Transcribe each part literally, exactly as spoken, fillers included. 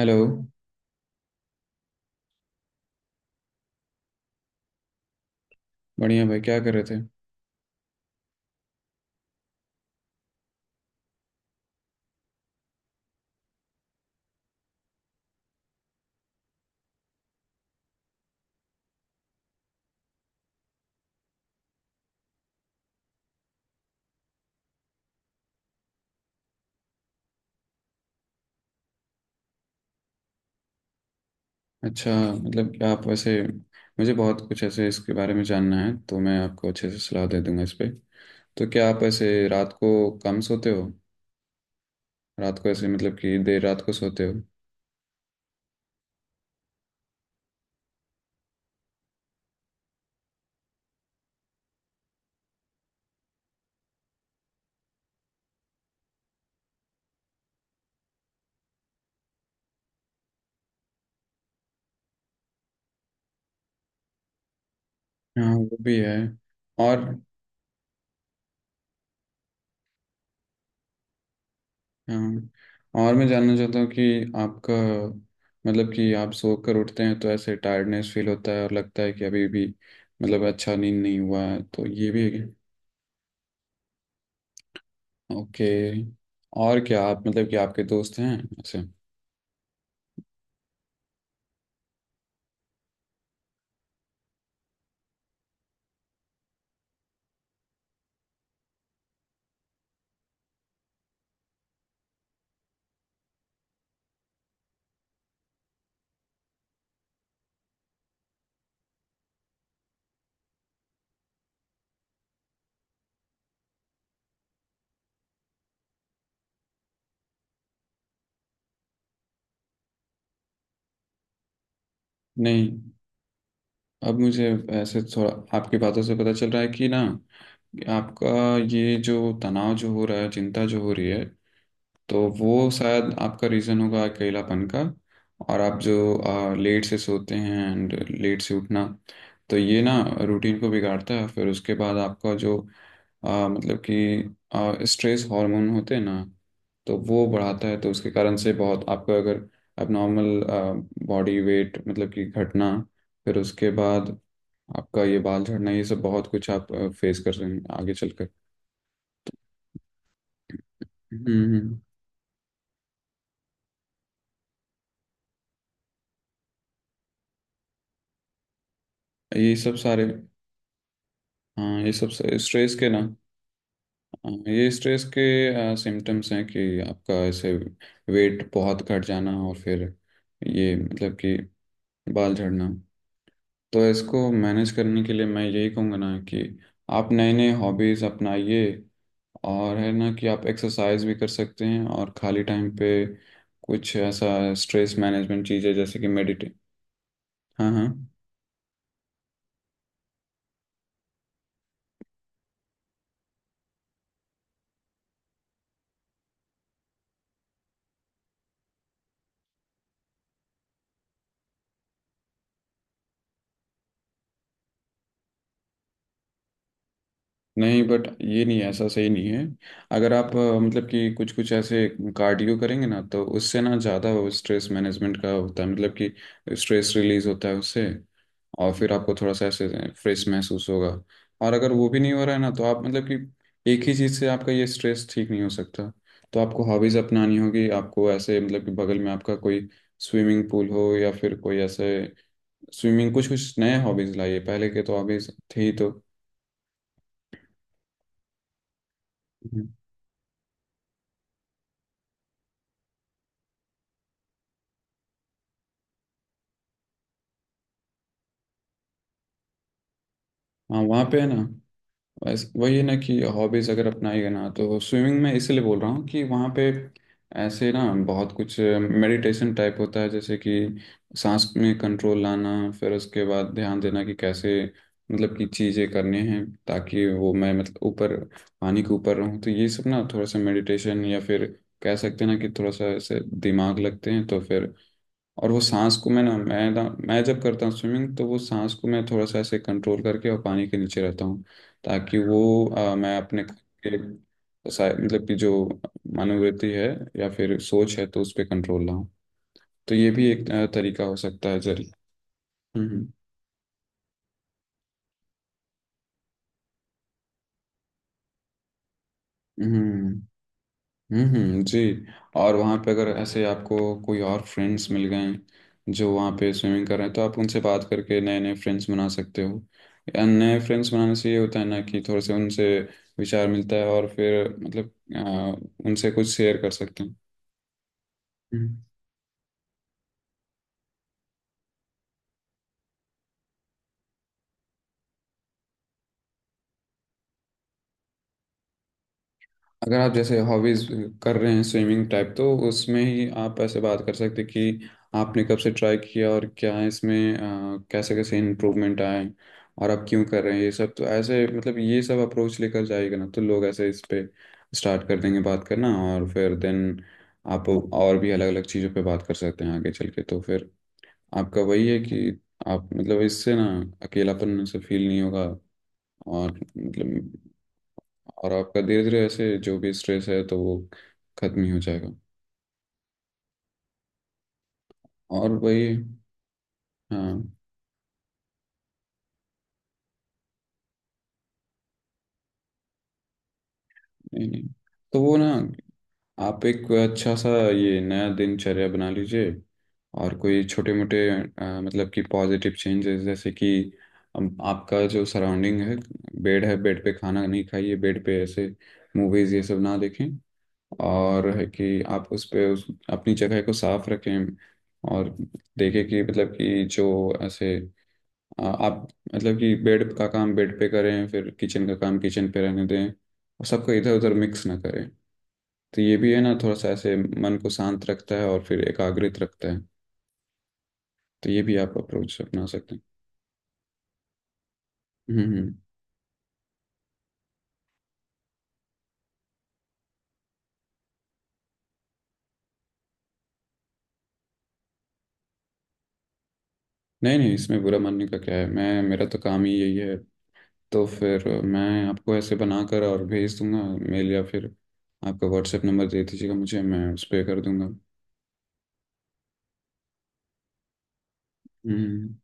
Hello. बढ़िया भाई, क्या कर रहे थे? अच्छा, मतलब कि आप वैसे, मुझे बहुत कुछ ऐसे इसके बारे में जानना है, तो मैं आपको अच्छे से सलाह दे दूंगा इस पे। तो क्या आप ऐसे रात को कम सोते हो? रात को ऐसे मतलब कि देर रात को सोते हो? हाँ वो भी है। और हाँ, और मैं जानना चाहता हूँ कि आपका, मतलब कि आप सो कर उठते हैं तो ऐसे टायर्डनेस फील होता है और लगता है कि अभी भी, मतलब अच्छा नींद नहीं हुआ है, तो ये भी। ओके। और क्या आप, मतलब कि आपके दोस्त हैं ऐसे? नहीं, अब मुझे ऐसे थोड़ा आपकी बातों से पता चल रहा है कि ना, आपका ये जो तनाव जो हो रहा है, चिंता जो हो रही है, तो वो शायद आपका रीज़न होगा अकेलापन का। और आप जो लेट से सोते हैं एंड लेट से उठना, तो ये ना रूटीन को बिगाड़ता है। फिर उसके बाद आपका जो आ, मतलब कि स्ट्रेस हार्मोन होते हैं ना, तो वो बढ़ाता है। तो उसके कारण से बहुत आपका अगर नॉर्मल बॉडी वेट मतलब कि घटना, फिर उसके बाद आपका ये बाल झड़ना, ये सब बहुत कुछ आप फेस कर रहे हैं आगे चलकर। हम्म हम्म। ये सब सारे हाँ, ये सब स्ट्रेस के ना। हाँ, ये स्ट्रेस के सिम्टम्स हैं कि आपका ऐसे वेट बहुत घट जाना, और फिर ये मतलब कि बाल झड़ना। तो इसको मैनेज करने के लिए मैं यही कहूँगा ना कि आप नए नए हॉबीज़ अपनाइए, और है ना कि आप एक्सरसाइज भी कर सकते हैं, और खाली टाइम पे कुछ ऐसा स्ट्रेस मैनेजमेंट चीज़ें जैसे कि मेडिटे। हाँ हाँ, नहीं बट ये नहीं है, ऐसा सही नहीं है। अगर आप अ, मतलब कि कुछ कुछ ऐसे कार्डियो करेंगे ना, तो उससे ना ज़्यादा स्ट्रेस मैनेजमेंट का होता है, मतलब कि स्ट्रेस रिलीज होता है उससे, और फिर आपको थोड़ा सा ऐसे फ्रेश महसूस होगा। और अगर वो भी नहीं हो रहा है ना, तो आप मतलब कि एक ही चीज़ से आपका ये स्ट्रेस ठीक नहीं हो सकता। तो आपको हॉबीज़ अपनानी होगी, आपको ऐसे मतलब कि बगल में आपका कोई स्विमिंग पूल हो, या फिर कोई ऐसे स्विमिंग कुछ कुछ नए हॉबीज़ लाइए, पहले के तो हॉबीज़ थे ही तो। हम्म। हाँ वहाँ पे है ना, बस वही है ना कि हॉबीज अगर अपनाएगा ना, तो स्विमिंग में इसीलिए बोल रहा हूँ कि वहाँ पे ऐसे ना बहुत कुछ मेडिटेशन टाइप होता है, जैसे कि सांस में कंट्रोल लाना, फिर उसके बाद ध्यान देना कि कैसे मतलब कि चीज़ें करनी हैं, ताकि वो मैं मतलब ऊपर पानी के ऊपर रहूँ। तो ये सब ना थोड़ा सा मेडिटेशन, या फिर कह सकते हैं ना कि थोड़ा सा ऐसे दिमाग लगते हैं तो फिर। और वो सांस को मैं ना मैं ना मैं जब करता हूँ स्विमिंग, तो वो सांस को मैं थोड़ा सा ऐसे कंट्रोल करके और पानी के नीचे रहता हूँ, ताकि वो अ, मैं अपने खुद के सा- मतलब कि जो मनोवृत्ति है या फिर सोच है, तो उस पर कंट्रोल लाऊं। तो ये भी एक अ, तरीका हो सकता है जरिए। हम्म हम्म हम्म जी। और वहाँ पे अगर ऐसे आपको कोई और फ्रेंड्स मिल गए जो वहाँ पे स्विमिंग कर रहे हैं, तो आप उनसे बात करके नए नए फ्रेंड्स बना सकते हो। या नए फ्रेंड्स बनाने से ये होता है ना कि थोड़े से उनसे विचार मिलता है और फिर मतलब अ, उनसे कुछ शेयर कर सकते हैं। अगर आप जैसे हॉबीज कर रहे हैं स्विमिंग टाइप, तो उसमें ही आप ऐसे बात कर सकते हैं कि आपने कब से ट्राई किया, और क्या है इसमें, अ, कैसे कैसे इम्प्रूवमेंट आए, और आप क्यों कर रहे हैं ये सब। तो ऐसे मतलब ये सब अप्रोच लेकर जाएगा ना, तो लोग ऐसे इस पे स्टार्ट कर देंगे बात करना, और फिर देन आप और भी अलग अलग चीज़ों पे बात कर सकते हैं आगे चल के। तो फिर आपका वही है कि आप मतलब इससे ना अकेलापन से फील नहीं होगा। और मतलब और आपका धीरे धीरे ऐसे जो भी स्ट्रेस है, तो वो खत्म ही हो जाएगा। और वही हाँ, नहीं नहीं, तो वो ना आप एक अच्छा सा ये नया दिनचर्या बना लीजिए, और कोई छोटे मोटे मतलब कि पॉजिटिव चेंजेस, जैसे कि अम, आपका जो सराउंडिंग है, बेड है बेड पे खाना नहीं खाइए, बेड पे ऐसे मूवीज ये सब ना देखें, और है कि आप उस पे उस अपनी जगह को साफ रखें, और देखें कि मतलब कि जो ऐसे आ, आप मतलब कि बेड का काम बेड पे करें, फिर किचन का काम किचन पे रहने दें, और सबको इधर उधर मिक्स ना करें। तो ये भी है ना थोड़ा सा ऐसे मन को शांत रखता है और फिर एकाग्रित रखता है। तो ये भी आप अप्रोच अपना सकते हैं। हम्म हम्म। नहीं नहीं, इसमें बुरा मानने का क्या है, मैं मेरा तो काम ही यही है। तो फिर मैं आपको ऐसे बनाकर और भेज दूंगा मेल, या फिर आपका व्हाट्सएप नंबर दे दीजिएगा मुझे, मैं उस पर कर दूंगा। हम्म।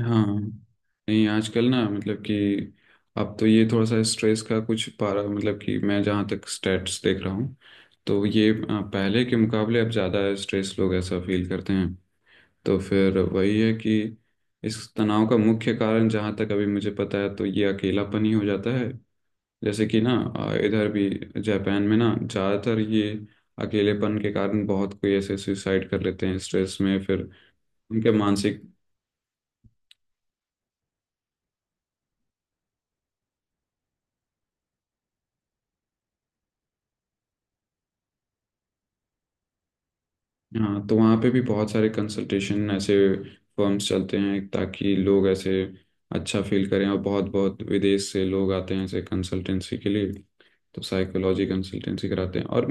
हाँ, नहीं आजकल ना मतलब कि अब तो ये थोड़ा सा स्ट्रेस का कुछ पारा, मतलब कि मैं जहाँ तक स्टेट्स देख रहा हूँ, तो ये आ, पहले के मुकाबले अब ज़्यादा स्ट्रेस लोग ऐसा फील करते हैं। तो फिर वही है कि इस तनाव का मुख्य कारण जहाँ तक अभी मुझे पता है, तो ये अकेलापन ही हो जाता है। जैसे कि ना आ, इधर भी जापान में ना ज़्यादातर ये अकेलेपन के कारण बहुत कोई ऐसे सुसाइड कर लेते हैं स्ट्रेस में फिर उनके मानसिक। हाँ तो वहाँ पे भी बहुत सारे कंसल्टेशन ऐसे फर्म्स चलते हैं, ताकि लोग ऐसे अच्छा फील करें। और बहुत बहुत विदेश से लोग आते हैं ऐसे कंसल्टेंसी के लिए, तो साइकोलॉजी कंसल्टेंसी कराते हैं। और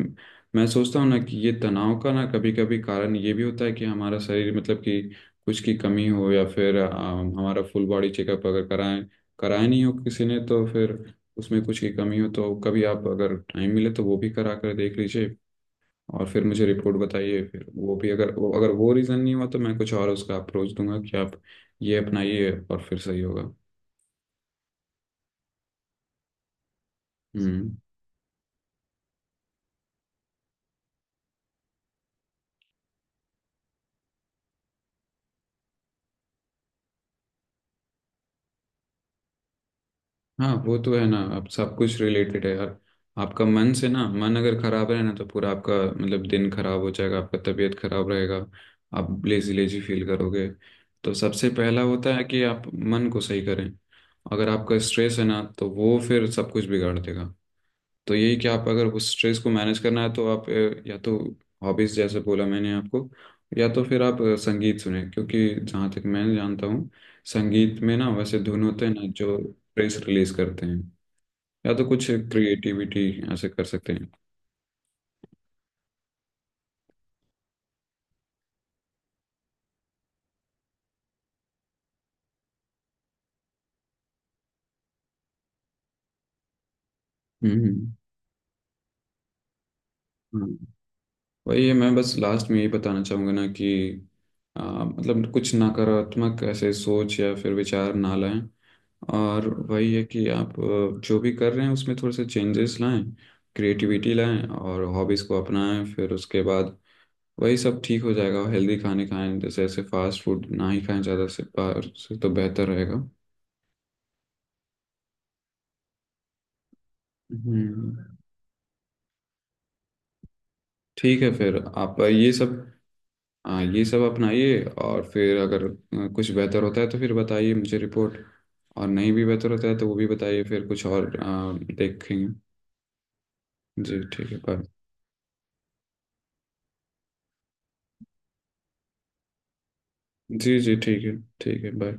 मैं सोचता हूँ ना कि ये तनाव का ना कभी कभी कारण ये भी होता है कि हमारा शरीर मतलब कि कुछ की कमी हो, या फिर अ, हमारा फुल बॉडी चेकअप अगर कराएं, कराए नहीं हो किसी ने, तो फिर उसमें कुछ की कमी हो। तो कभी आप अगर टाइम मिले तो वो भी करा कर देख लीजिए, और फिर मुझे रिपोर्ट बताइए। फिर वो भी अगर वो अगर वो रीज़न नहीं हुआ, तो मैं कुछ और उसका अप्रोच दूंगा कि आप ये अपनाइए और फिर सही होगा। हम्म। हाँ वो तो है ना, अब सब कुछ रिलेटेड है यार। आपका मन से ना, मन अगर खराब है ना, तो पूरा आपका मतलब दिन खराब हो जाएगा, आपका तबीयत खराब रहेगा, आप लेजी लेजी फील करोगे। तो सबसे पहला होता है कि आप मन को सही करें। अगर आपका स्ट्रेस है ना, तो वो फिर सब कुछ बिगाड़ देगा। तो यही कि आप अगर उस स्ट्रेस को मैनेज करना है, तो आप अ, या तो हॉबीज जैसे बोला मैंने आपको, या तो फिर आप अ, संगीत सुने, क्योंकि जहाँ तक मैं जानता हूँ संगीत में ना वैसे धुन होते हैं ना, जो स्ट्रेस रिलीज करते हैं। या तो कुछ क्रिएटिविटी ऐसे कर सकते हैं। हम्म। हाँ। वही है, मैं बस लास्ट में यही बताना चाहूँगा ना कि अ, मतलब कुछ नकारात्मक ऐसे सोच या फिर विचार ना लाएं। और वही है कि आप अ, जो भी कर रहे हैं उसमें थोड़े से चेंजेस लाएं, क्रिएटिविटी लाएं, और हॉबीज़ को अपनाएं। फिर उसके बाद वही सब ठीक हो जाएगा। हेल्दी खाने खाएं, जैसे ऐसे फास्ट फूड ना ही खाएं ज़्यादा, से बाहर से तो बेहतर रहेगा। हम्म। ठीक है, फिर आप ये सब हाँ ये सब अपनाइए, और फिर अगर अ, कुछ बेहतर होता है तो फिर बताइए मुझे रिपोर्ट, और नहीं भी बेहतर होता है तो वो भी बताइए, फिर कुछ और अ, देखेंगे। जी ठीक है, बाय। जी जी ठीक है ठीक है, बाय।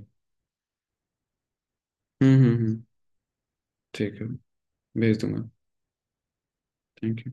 हम्म हम्म हम्म। ठीक है, भेज दूंगा। Thank you.